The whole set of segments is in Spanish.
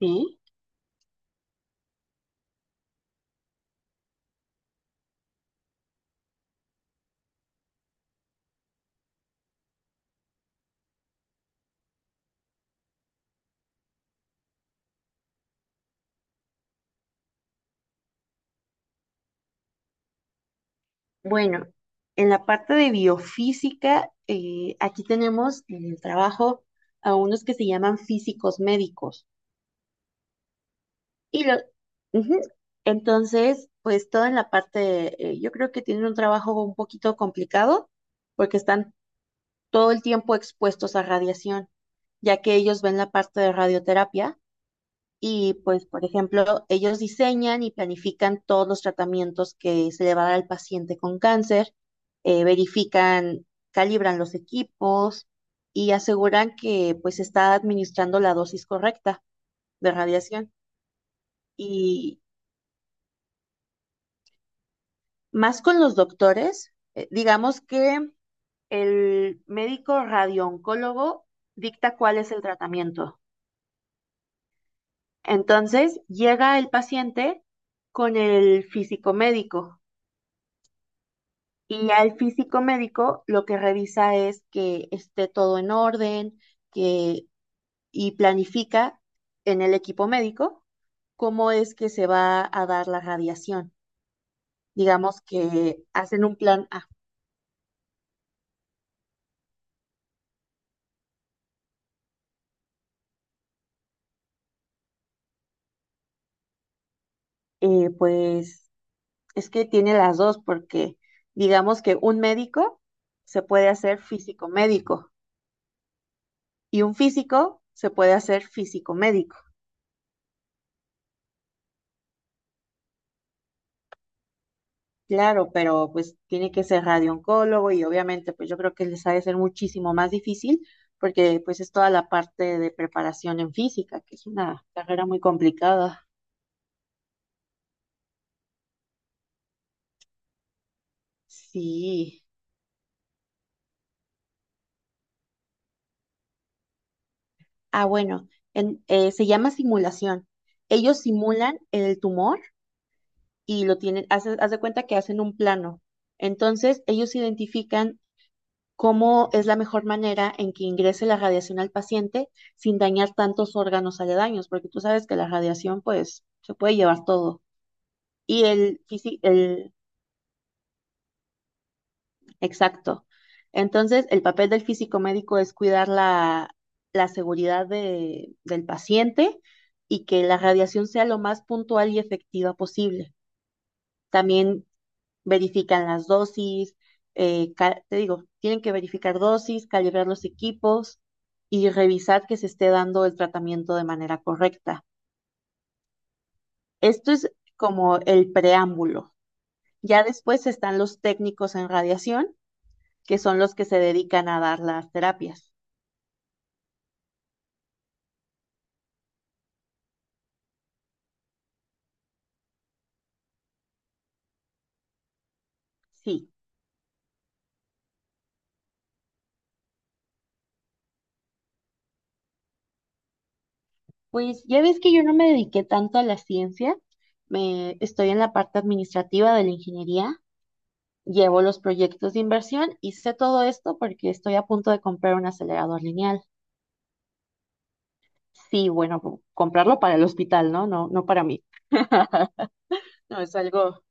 Sí, bueno, en la parte de biofísica, aquí tenemos en el trabajo a unos que se llaman físicos médicos. Y lo, ujú. Entonces, pues toda en la parte, yo creo que tienen un trabajo un poquito complicado porque están todo el tiempo expuestos a radiación, ya que ellos ven la parte de radioterapia. Y pues, por ejemplo, ellos diseñan y planifican todos los tratamientos que se le va a dar al paciente con cáncer, verifican, calibran los equipos y aseguran que pues se está administrando la dosis correcta de radiación. Y más con los doctores, digamos que el médico radiooncólogo dicta cuál es el tratamiento. Entonces, llega el paciente con el físico médico. Y ya el físico médico lo que revisa es que esté todo en orden, que, y planifica en el equipo médico cómo es que se va a dar la radiación. Digamos que hacen un plan A. Pues es que tiene las dos porque digamos que un médico se puede hacer físico médico y un físico se puede hacer físico médico. Claro, pero pues tiene que ser radiooncólogo y obviamente pues yo creo que les ha de ser muchísimo más difícil porque pues es toda la parte de preparación en física, que es una carrera muy complicada. Sí. Ah, bueno, se llama simulación. Ellos simulan el tumor y lo tienen, haz de cuenta que hacen un plano. Entonces ellos identifican cómo es la mejor manera en que ingrese la radiación al paciente sin dañar tantos órganos aledaños, porque tú sabes que la radiación pues se puede llevar todo. Y el físico, el exacto. Entonces, el papel del físico médico es cuidar la seguridad del paciente y que la radiación sea lo más puntual y efectiva posible. También verifican las dosis, te digo, tienen que verificar dosis, calibrar los equipos y revisar que se esté dando el tratamiento de manera correcta. Esto es como el preámbulo. Ya después están los técnicos en radiación, que son los que se dedican a dar las terapias. Sí, pues ya ves que yo no me dediqué tanto a la ciencia, me estoy en la parte administrativa de la ingeniería. Llevo los proyectos de inversión y sé todo esto porque estoy a punto de comprar un acelerador lineal. Sí, bueno, comprarlo para el hospital, ¿no? No, no para mí. No, es algo.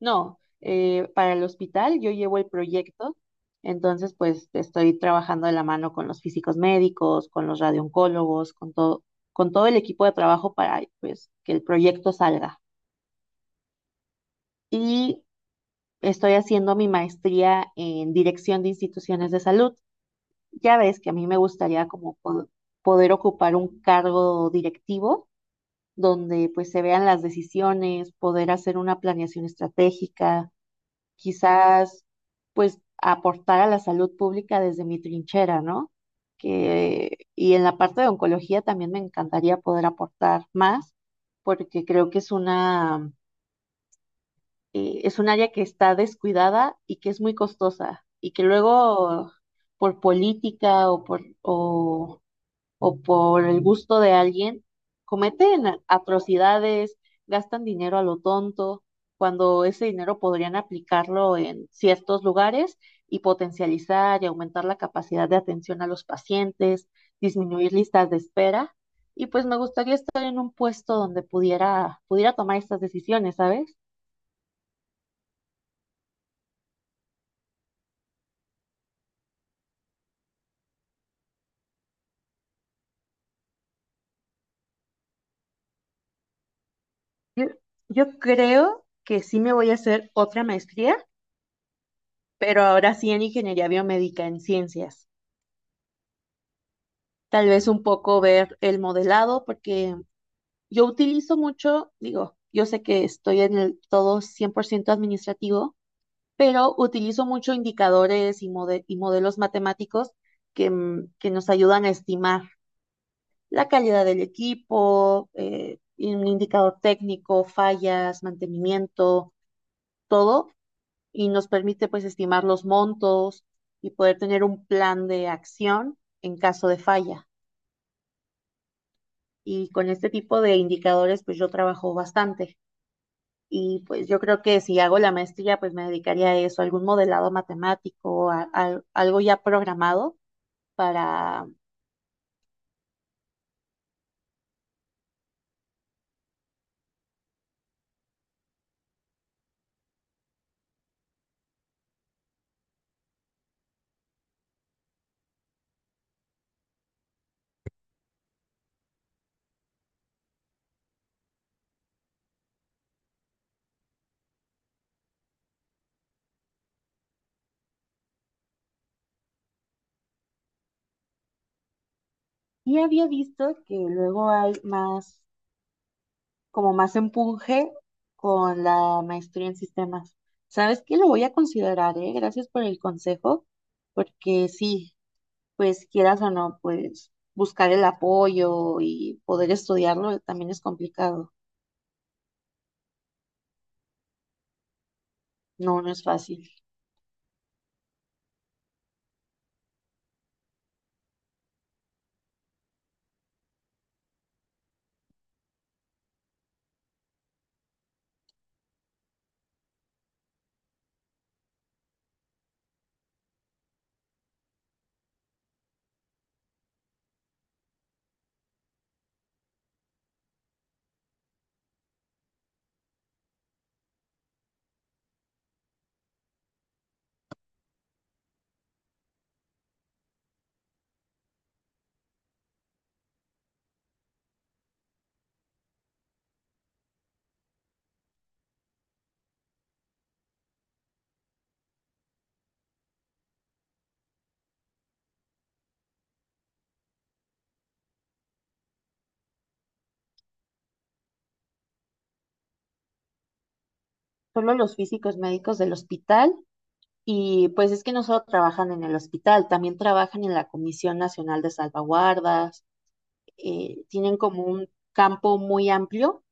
No, para el hospital yo llevo el proyecto, entonces pues estoy trabajando de la mano con los físicos médicos, con los radioncólogos, con todo el equipo de trabajo para pues que el proyecto salga. Y estoy haciendo mi maestría en dirección de instituciones de salud. Ya ves que a mí me gustaría como poder ocupar un cargo directivo donde pues se vean las decisiones, poder hacer una planeación estratégica, quizás pues aportar a la salud pública desde mi trinchera, ¿no? Que, y en la parte de oncología también me encantaría poder aportar más porque creo que es es un área que está descuidada y que es muy costosa y que luego por política o por... O, o por el gusto de alguien, cometen atrocidades, gastan dinero a lo tonto, cuando ese dinero podrían aplicarlo en ciertos lugares y potencializar y aumentar la capacidad de atención a los pacientes, disminuir listas de espera. Y pues me gustaría estar en un puesto donde pudiera tomar estas decisiones, ¿sabes? Yo, yo creo que sí me voy a hacer otra maestría, pero ahora sí en ingeniería biomédica, en ciencias. Tal vez un poco ver el modelado, porque yo utilizo mucho, digo, yo sé que estoy en el todo 100% administrativo, pero utilizo mucho indicadores y modelos matemáticos que, que nos ayudan a estimar la calidad del equipo, y un indicador técnico, fallas, mantenimiento, todo, y nos permite pues estimar los montos y poder tener un plan de acción en caso de falla. Y con este tipo de indicadores pues yo trabajo bastante y pues yo creo que si hago la maestría pues me dedicaría a eso, a algún modelado matemático, a algo ya programado para... Y había visto que luego hay más, como más empuje con la maestría en sistemas. ¿Sabes qué? Lo voy a considerar, ¿eh? Gracias por el consejo, porque sí, pues quieras o no, pues buscar el apoyo y poder estudiarlo también es complicado. No, no es fácil. Solo los físicos médicos del hospital y pues es que no solo trabajan en el hospital, también trabajan en la Comisión Nacional de Salvaguardas, tienen como un campo muy amplio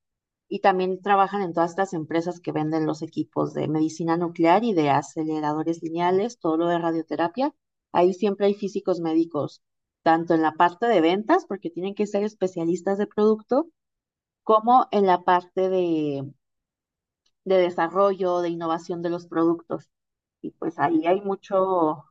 y también trabajan en todas estas empresas que venden los equipos de medicina nuclear y de aceleradores lineales, todo lo de radioterapia. Ahí siempre hay físicos médicos, tanto en la parte de ventas, porque tienen que ser especialistas de producto, como en la parte de desarrollo, de innovación de los productos. Y pues ahí hay mucho,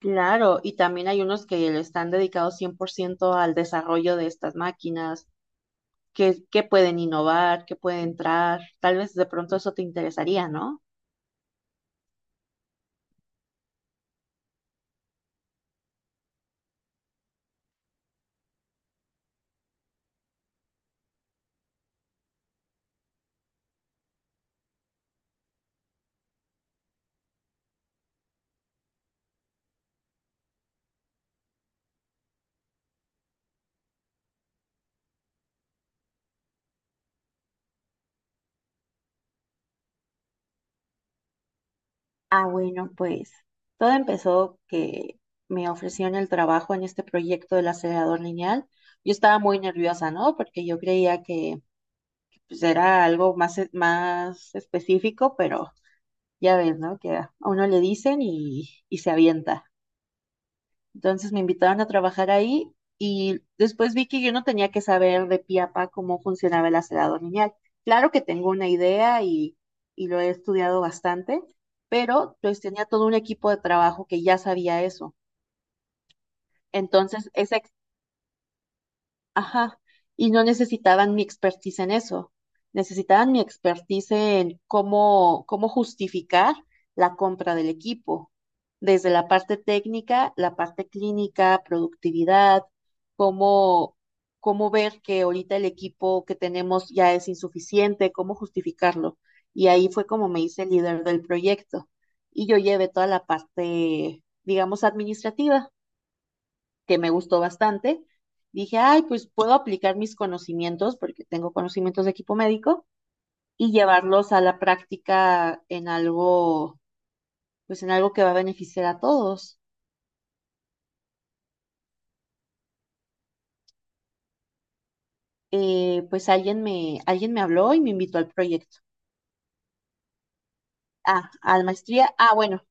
claro, y también hay unos que le están dedicados 100% al desarrollo de estas máquinas, que pueden innovar, que pueden entrar. Tal vez de pronto eso te interesaría, ¿no? Ah, bueno, pues todo empezó que me ofrecieron el trabajo en este proyecto del acelerador lineal. Yo estaba muy nerviosa, ¿no? Porque yo creía que pues, era algo más, más específico, pero ya ves, ¿no? Que a uno le dicen y se avienta. Entonces me invitaron a trabajar ahí y después vi que yo no tenía que saber de pie a pa cómo funcionaba el aserado lineal. Claro que tengo una idea y lo he estudiado bastante, pero pues tenía todo un equipo de trabajo que ya sabía eso. Entonces, esa ajá, y no necesitaban mi expertise en eso, necesitaban mi expertise en cómo justificar la compra del equipo, desde la parte técnica, la parte clínica, productividad, cómo, cómo ver que ahorita el equipo que tenemos ya es insuficiente, cómo justificarlo. Y ahí fue como me hice líder del proyecto. Y yo llevé toda la parte, digamos, administrativa que me gustó bastante. Dije, ay, pues puedo aplicar mis conocimientos, porque tengo conocimientos de equipo médico, y llevarlos a la práctica en algo, pues en algo que va a beneficiar a todos. Alguien me habló y me invitó al proyecto. Ah, a la maestría. Ah, bueno,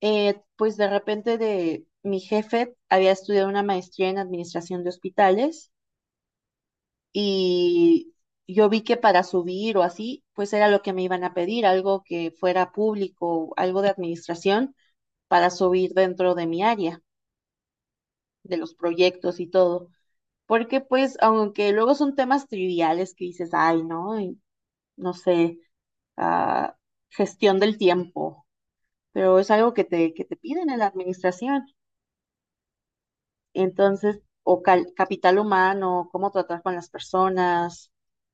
pues de repente de mi jefe había estudiado una maestría en administración de hospitales y yo vi que para subir o así, pues era lo que me iban a pedir, algo que fuera público, algo de administración para subir dentro de mi área, de los proyectos y todo. Porque pues, aunque luego son temas triviales que dices, ay, no, y no sé, ah, gestión del tiempo, pero es algo que que te piden en la administración. Entonces, o capital humano, cómo tratar con las personas.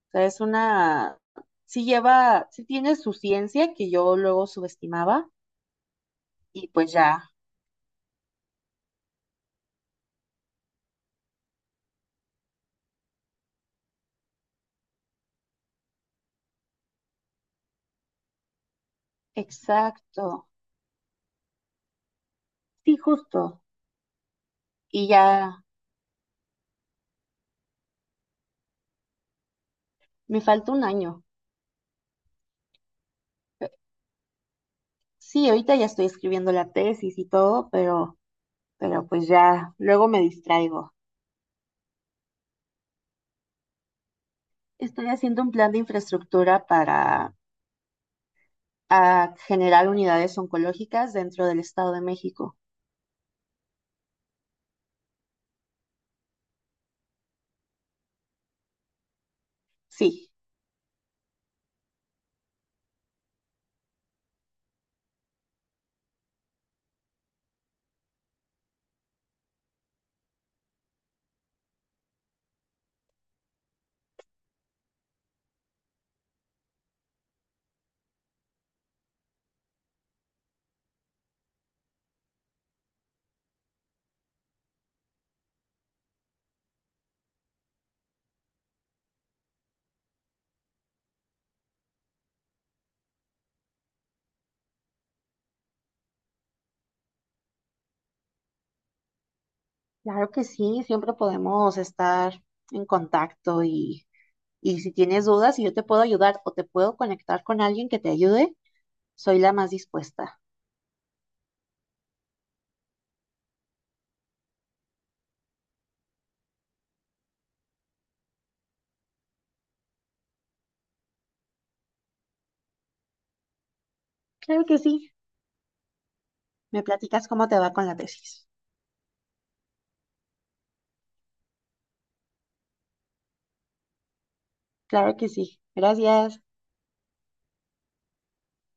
O sea, sí lleva, sí tiene su ciencia que yo luego subestimaba y pues ya, exacto, sí, justo. Y ya me falta un año. Sí, ahorita ya estoy escribiendo la tesis y todo, pero pues ya, luego me distraigo. Estoy haciendo un plan de infraestructura para ah, generar unidades oncológicas dentro del Estado de México. Sí. Claro que sí, siempre podemos estar en contacto y si tienes dudas y yo te puedo ayudar o te puedo conectar con alguien que te ayude, soy la más dispuesta. Claro que sí, me platicas cómo te va con la tesis. Claro que sí, gracias.